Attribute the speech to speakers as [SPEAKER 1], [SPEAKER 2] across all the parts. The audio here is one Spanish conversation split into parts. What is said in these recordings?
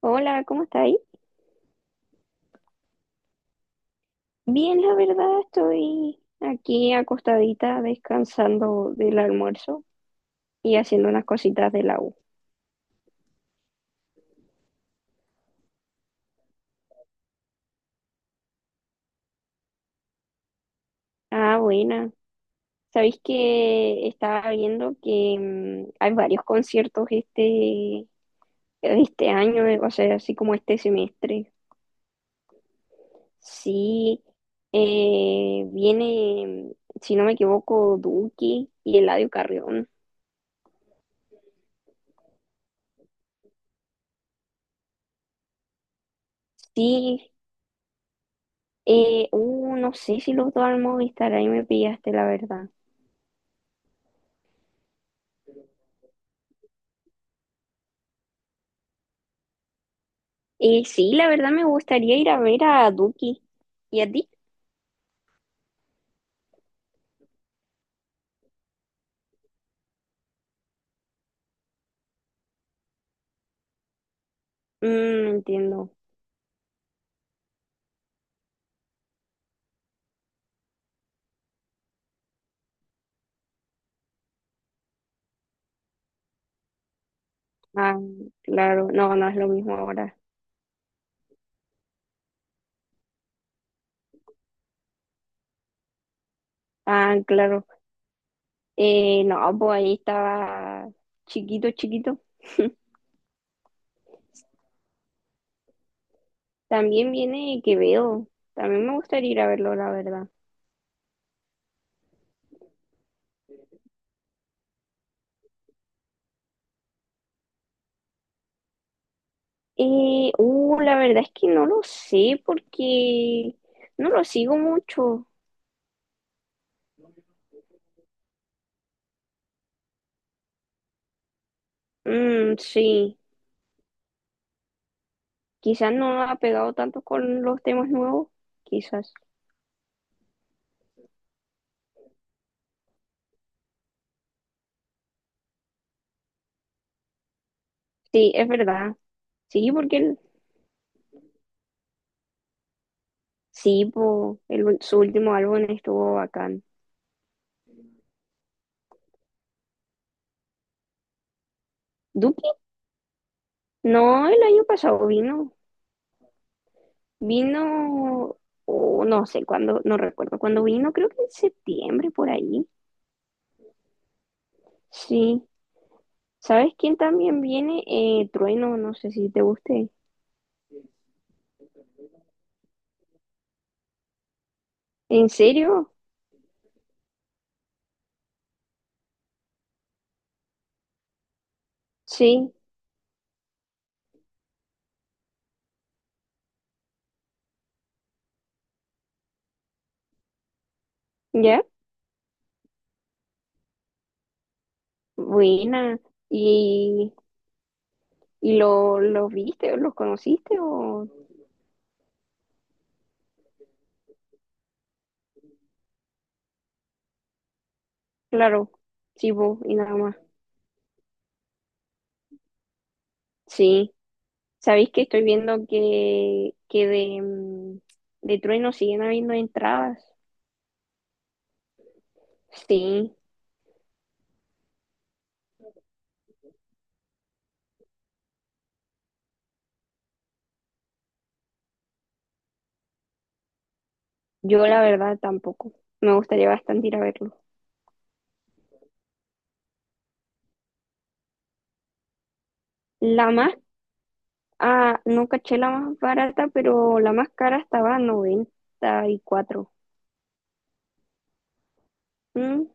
[SPEAKER 1] Hola, ¿cómo está ahí? Bien, la verdad, estoy aquí acostadita descansando del almuerzo y haciendo unas cositas de la U. Ah, buena. Sabéis que estaba viendo que hay varios conciertos este año, o sea, así como este semestre. Sí, viene, si no me equivoco, Duki y Eladio Carrión. Sí, no sé si los dos al Movistar, ahí me pillaste, la verdad. Sí, la verdad me gustaría ir a ver a Duki. ¿Y a ti? Mm, entiendo. Ah, claro. No, no es lo mismo ahora. Ah, claro. No, pues ahí estaba chiquito, chiquito. También viene Quevedo. También me gustaría ir a verlo, la verdad. La verdad es que no lo sé porque no lo sigo mucho. Mm, sí, quizás no ha pegado tanto con los temas nuevos, quizás. Sí, es verdad. Sí, porque sí, po, el su último álbum estuvo bacán. ¿Duki? No, el año pasado vino. Vino, o no sé cuándo, no recuerdo cuándo vino, creo que en septiembre por ahí. Sí. ¿Sabes quién también viene? Trueno, no sé si te guste. ¿En serio? Sí, ¿ya? Buena. ¿Y, y lo, los viste o los conociste? O... Claro, sí, po, y nada más. Sí. Sabéis que estoy viendo que de, de Trueno siguen habiendo entradas. Sí, yo la verdad tampoco. Me gustaría bastante ir a verlo. La más, ah, no caché la más barata, pero la más cara estaba a 94. Mm,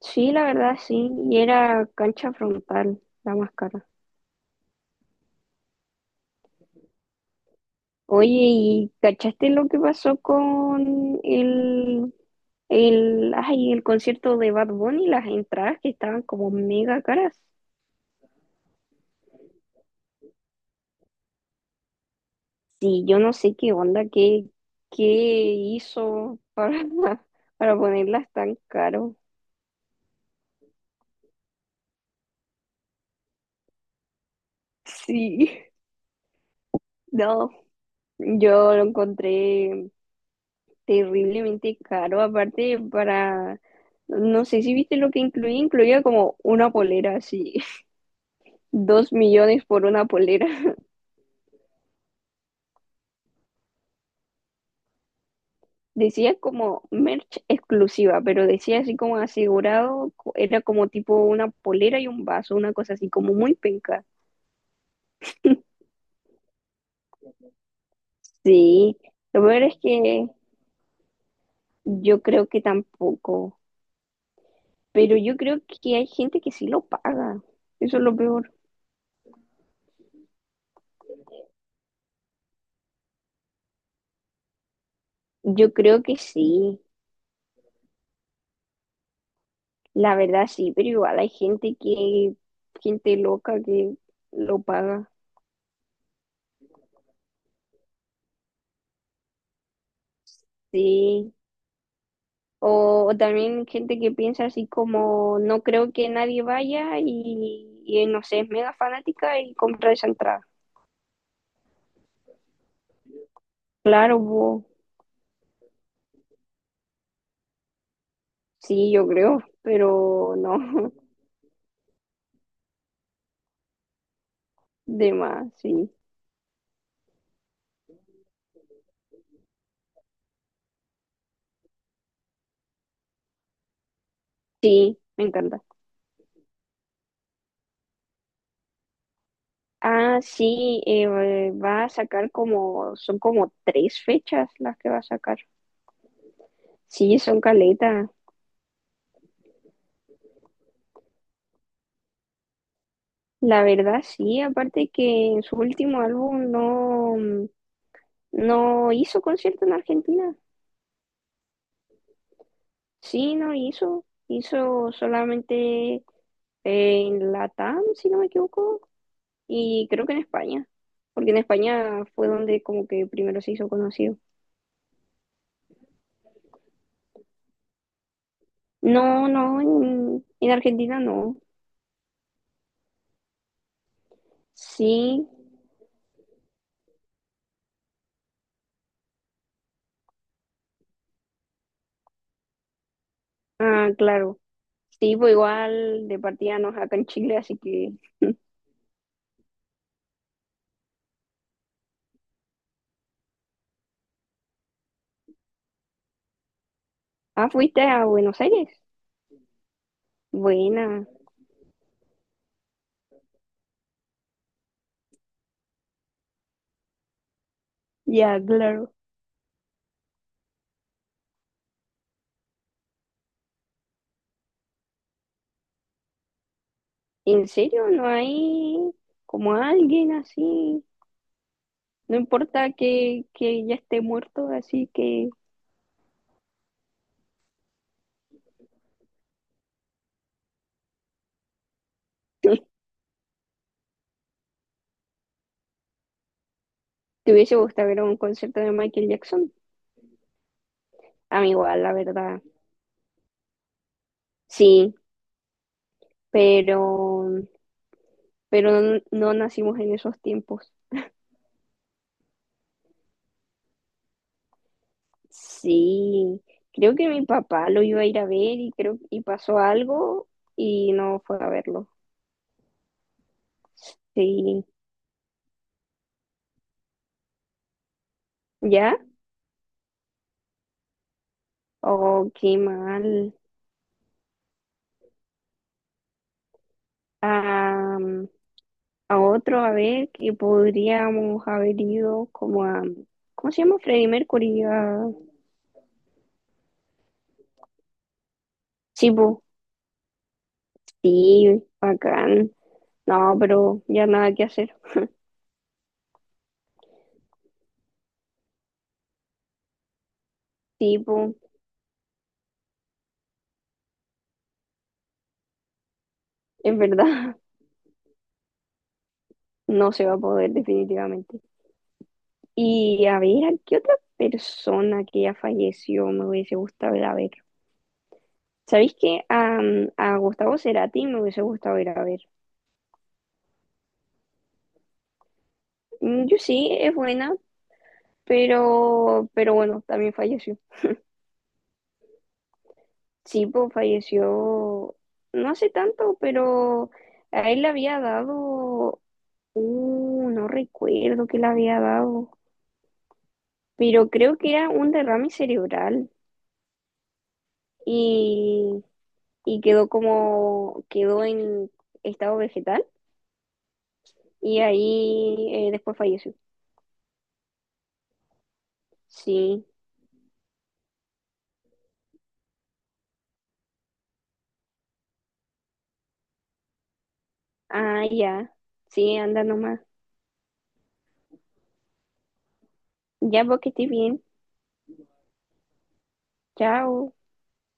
[SPEAKER 1] sí, la verdad sí. Y era cancha frontal, la más cara. Oye, ¿y cachaste lo que pasó con ay, el concierto de Bad Bunny? Las entradas que estaban como mega caras. Sí, yo no sé qué onda, qué hizo para, para ponerlas tan caro. Sí, no, yo lo encontré terriblemente caro. Aparte, para, no sé si viste lo que incluía, incluía como una polera, sí, 2 millones por una polera. Decía como merch exclusiva, pero decía así como asegurado, era como tipo una polera y un vaso, una cosa así como muy penca. Sí. Lo peor es que yo creo que tampoco, pero yo creo que hay gente que sí lo paga. Eso es lo peor. Yo creo que sí, la verdad sí, pero igual hay gente que, gente loca que lo paga, sí. O también gente que piensa así como, no creo que nadie vaya y no sé, es mega fanática y compra esa entrada. Claro, po, sí, yo creo, pero no, de más, sí. Sí, me encanta. Ah, sí, va a sacar como, son como tres fechas las que va a sacar. Sí, son caleta. La verdad, sí, aparte que en su último álbum no, no hizo concierto en Argentina. Sí, no hizo. Hizo solamente en Latam, si no me equivoco, y creo que en España, porque en España fue donde como que primero se hizo conocido. No, no, en Argentina no. Sí, ah, claro. Sí, pues igual de partida no es acá en Chile, así que... Ah, fuiste a Buenos Aires. Buena. Ya, claro. ¿En serio? ¿No hay como alguien así? No importa que ya esté muerto, así que... ¿Te hubiese gustado ver un concierto de Michael Jackson? A mí igual, la verdad. Sí, pero... Pero no, no nacimos en esos tiempos. Sí, creo que mi papá lo iba a ir a ver y creo y pasó algo y no fue a verlo. Sí, ¿ya? Oh, qué mal. A, a otro, a ver, que podríamos haber ido como a, ¿cómo se llama? Freddie Mercury. A... Sí, po. Sí, bacán. No, pero ya nada que hacer. Sí, po, es verdad, no se va a poder definitivamente. Y a ver, ¿a qué otra persona que ya falleció me hubiese gustado ir a ver? ¿Sabéis que a Gustavo Cerati me hubiese gustado ir a ver? Mm, yo sí, es buena, pero bueno, también falleció. Sí, pues falleció no hace tanto, pero a él le había dado, no recuerdo qué le había dado, pero creo que era un derrame cerebral y, y quedó como, quedó en estado vegetal. Y ahí después falleció. Sí. Ah, ya. Sí, anda nomás. Ya, vos que estés bien. Chao.